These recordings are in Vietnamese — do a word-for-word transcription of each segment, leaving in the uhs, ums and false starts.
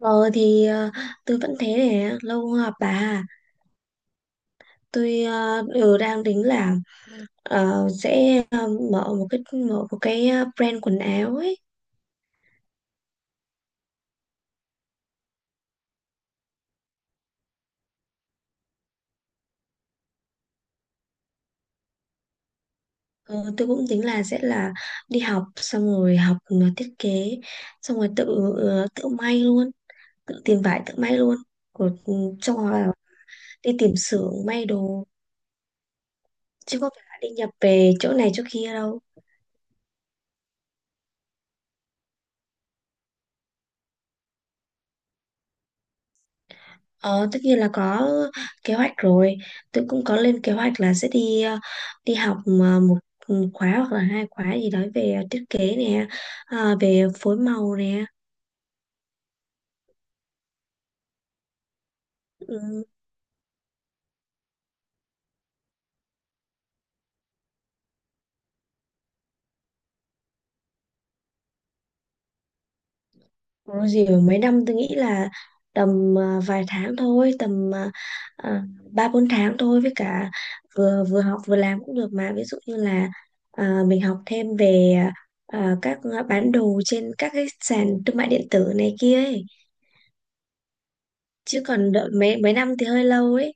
Ờ thì ờ, tôi vẫn thế này, lâu không gặp bà à. Tôi ờ, đều đang tính là ờ, sẽ ờ, mở một cái mở một cái ờ, brand quần áo ấy. Ờ, tôi cũng tính là sẽ là đi học, xong rồi học ờ, thiết kế, xong rồi tự ờ, tự may luôn, tự tìm vải tự may luôn rồi, ừ, xong rồi đi tìm xưởng may đồ, chứ có phải là đi nhập về chỗ này chỗ kia đâu. Ờ, tất nhiên là có kế hoạch rồi. Tôi cũng có lên kế hoạch là sẽ đi ờ, đi học mà một một khóa hoặc là hai khóa gì đó về ờ, thiết kế nè, à, về phối màu nè. Ừ, có gì mà mấy năm, tôi nghĩ là tầm ờ, vài tháng thôi, tầm ờ, ờ, ba bốn tháng thôi, với cả vừa vừa học vừa làm cũng được mà. Ví dụ như là ờ, mình học thêm về ờ, các bán đồ trên các cái sàn thương mại điện tử này kia ấy. Chứ còn đợi mấy mấy năm thì hơi lâu ấy.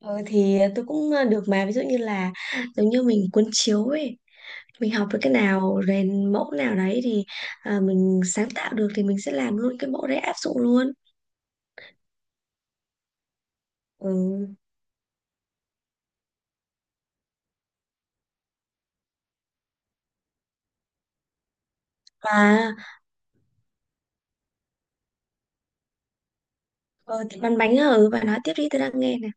ờ, thì tôi cũng ờ, được mà. Ví dụ như là giống như mình cuốn chiếu ấy, mình học được cái nào rèn mẫu nào đấy thì, à, mình sáng tạo được thì mình sẽ làm luôn cái mẫu đấy, áp dụng luôn. Ừ. Và ờ, thì bánh bánh ở, và nói tiếp đi, tôi đang nghe nè.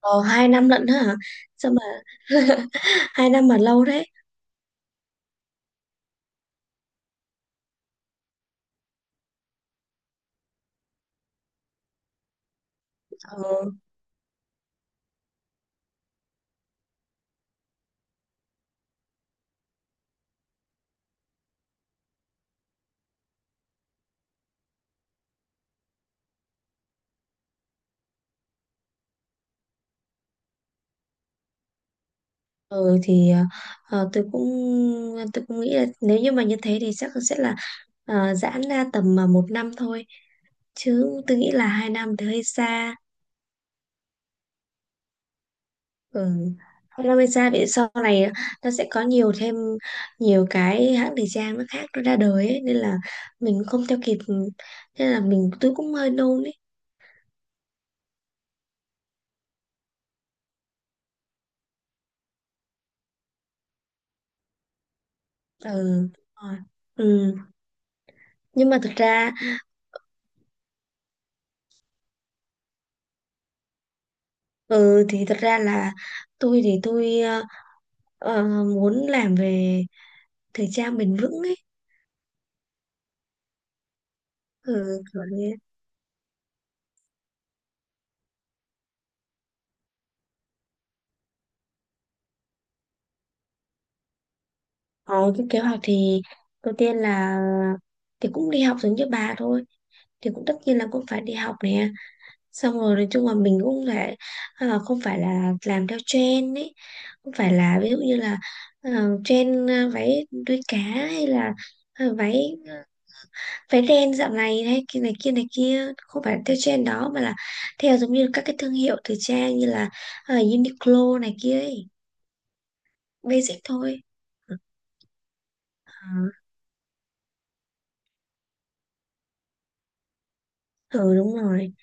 ờ Hai năm lận hả? Sao mà hai năm mà lâu đấy ờ Ừ thì ờ, tôi cũng tôi cũng nghĩ là nếu như mà như thế thì chắc sẽ là ờ, giãn ra tầm mà một năm thôi, chứ tôi nghĩ là hai năm thì hơi xa. Ừ. Hai năm hơi xa vì sau này nó sẽ có nhiều thêm nhiều cái hãng thời trang nó khác nó ra đời ấy, nên là mình không theo kịp, nên là mình tôi cũng hơi nôn ấy. Ừ. Rồi. Ừ. Nhưng mà thật ra, ừ thì thật ra là tôi thì tôi ờ, ờ, muốn làm về thời trang bền vững ấy. ừ, Kiểu thế. Ờ, cái kế hoạch thì đầu tiên là thì cũng đi học giống như bà thôi, thì cũng tất nhiên là cũng phải đi học nè, xong rồi nói chung là mình cũng phải, à, không phải là làm theo trend ấy, không phải là ví dụ như là uh, trend à, váy đuôi cá hay là à, váy ờ, váy đen dạo này hay kia này kia này kia, không phải theo trend đó mà là theo giống như các cái thương hiệu thời trang như là à, Uniqlo này kia ấy, basic thôi. Ờ, ừ đúng rồi.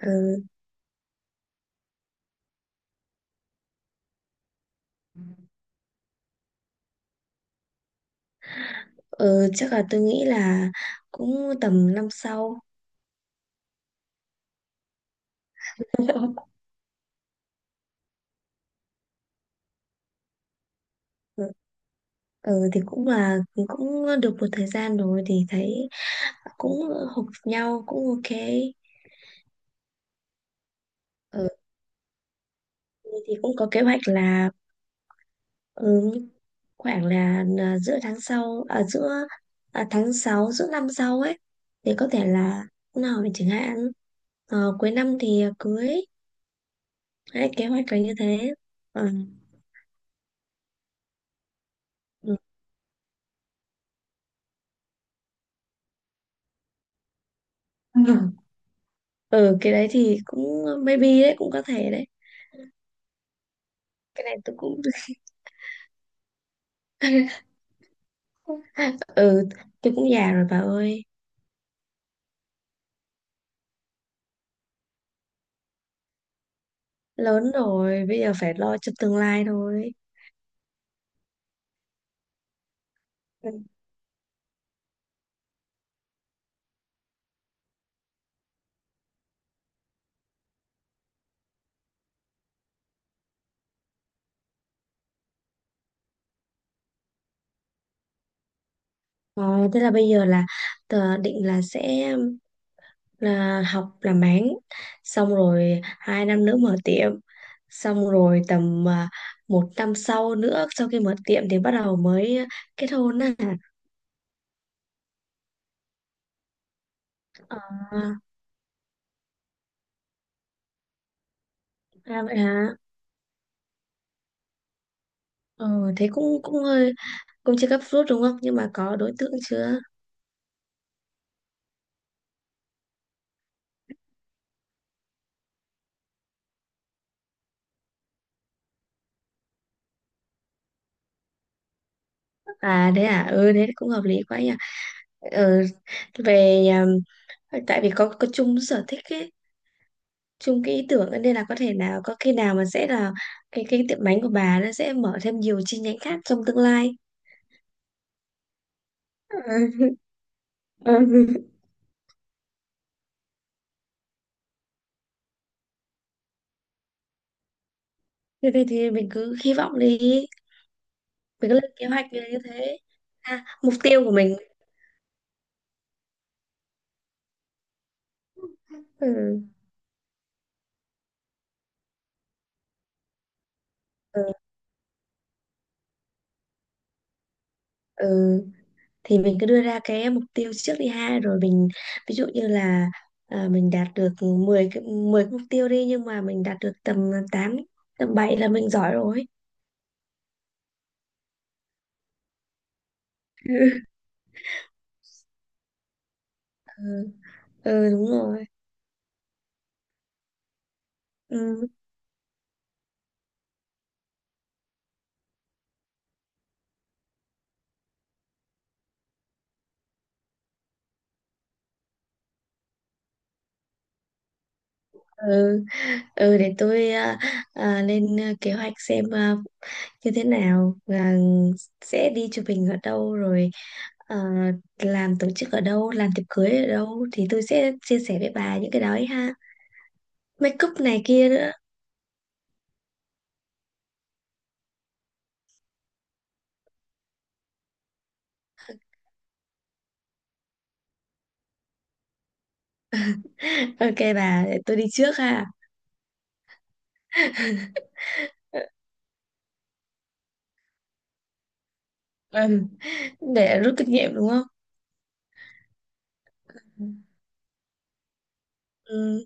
Ừ, ừ, chắc là tôi nghĩ là cũng tầm năm sau. Ừ, ừ, thì cũng là cũng được một thời gian rồi thì thấy cũng hợp nhau, cũng ok. Ừ, thì cũng có kế hoạch là, ừ, khoảng là, là giữa tháng sau, à, giữa à, tháng sáu giữa năm sau ấy, thì có thể là hôm nào mình chẳng hạn, ờ, cuối năm thì cưới. Đấy, kế hoạch là như thế. Ờ, ừ. Ừ, cái đấy thì cũng ờ, maybe đấy, cũng có thể đấy. Cái này tôi cũng ừ, tôi cũng già rồi bà ơi, lớn rồi bây giờ phải lo cho tương lai thôi. Ừ. Ờ, thế là bây giờ là tờ định là sẽ là học làm bán, xong rồi hai năm nữa mở tiệm, xong rồi tầm à, một năm sau nữa sau khi mở tiệm thì bắt đầu mới ờ, kết hôn á. à, à Vậy hả? Ừ, thế cũng cũng hơi, cũng chưa cấp rút đúng không, nhưng mà có đối tượng chưa? À thế à? Ừ, thế cũng hợp lý quá nhỉ. Ừ, về um, tại vì có có chung sở thích ấy, chung cái ý tưởng ấy, nên là có thể nào có khi nào mà sẽ là cái cái tiệm bánh của bà nó sẽ mở thêm nhiều chi nhánh khác trong tương lai. Ừ. Ừ. Thế thì, thì mình cứ hy vọng đi, mình cứ lên kế hoạch như thế, à, mục tiêu của mình. Ừ. Ừ. Ừ. Thì mình cứ đưa ra cái mục tiêu trước đi ha, rồi mình ví dụ như là, à, mình đạt được mười cái mười cái mục tiêu đi, nhưng mà mình đạt được tầm tám, tầm bảy là mình giỏi rồi. Ừ, ừ đúng rồi. Ừ, ừ, ừ để tôi, à, à, lên à, kế hoạch xem à, như thế nào, và sẽ đi chụp hình ở đâu rồi, à, làm tổ chức ở đâu, làm tiệc cưới ở đâu, thì tôi sẽ chia sẻ với bà những cái đó ấy ha, make up này kia nữa. Ok bà, để tôi đi trước ha. Ừm, để rút kinh nghiệm đúng không? Ừ,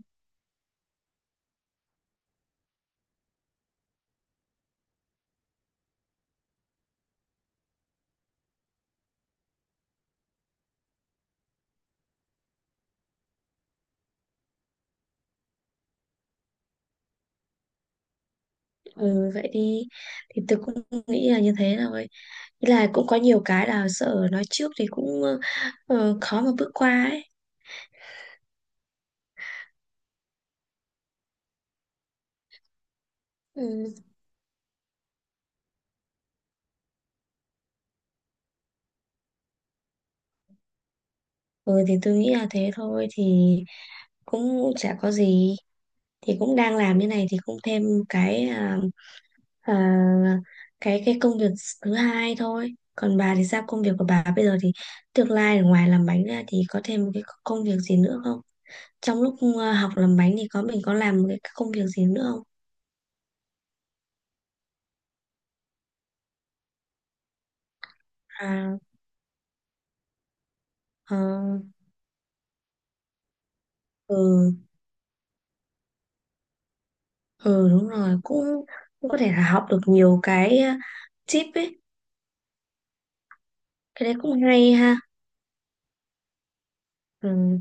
ừ, vậy đi. Thì tôi cũng nghĩ là như thế rồi. Thế là cũng có nhiều cái là sợ nói trước thì cũng ờ, khó mà bước qua ấy. Ừ. Ừ, thì tôi nghĩ là thế thôi. Thì cũng chả có gì. Thì cũng đang làm như này thì cũng thêm cái à, à, cái cái công việc thứ hai thôi, còn bà thì sao, công việc của bà bây giờ thì tương lai ở ngoài làm bánh ra thì có thêm một cái công việc gì nữa không? Trong lúc ờ, học làm bánh thì có mình có làm cái công việc gì nữa không? à ờ, ừ, ừ đúng rồi, cũng cũng có thể là học được nhiều cái ờ, tip ấy. Cái đấy cũng hay ha. Ừ,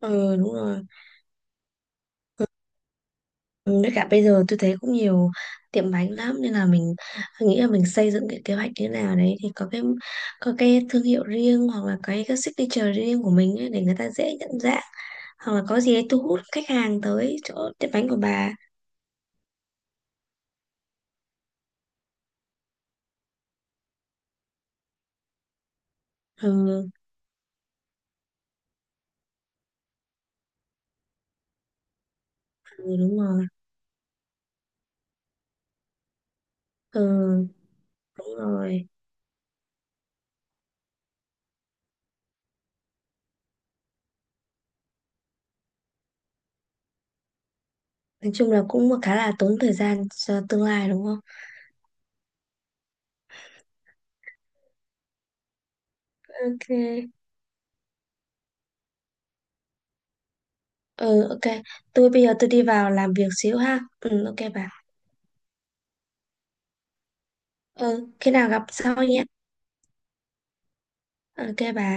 ừ đúng rồi. Ừ, với cả bây giờ tôi thấy cũng nhiều tiệm bánh lắm, nên là mình nghĩ là mình xây dựng cái kế hoạch như thế nào đấy, thì có cái có cái thương hiệu riêng, hoặc là cái cái signature riêng của mình ấy, để người ta dễ nhận dạng, hoặc là có gì đấy thu hút khách hàng tới chỗ tiệm bánh của bà. Ừ, ừ đúng rồi, ừ đúng rồi. Nói chung là cũng khá là tốn thời gian cho tương lai đúng không? Ok. Ừ, ok, tôi bây giờ tôi đi vào làm việc xíu ha. Ừ, ok bà. Ừ, khi nào gặp sau nhé. Ok bà.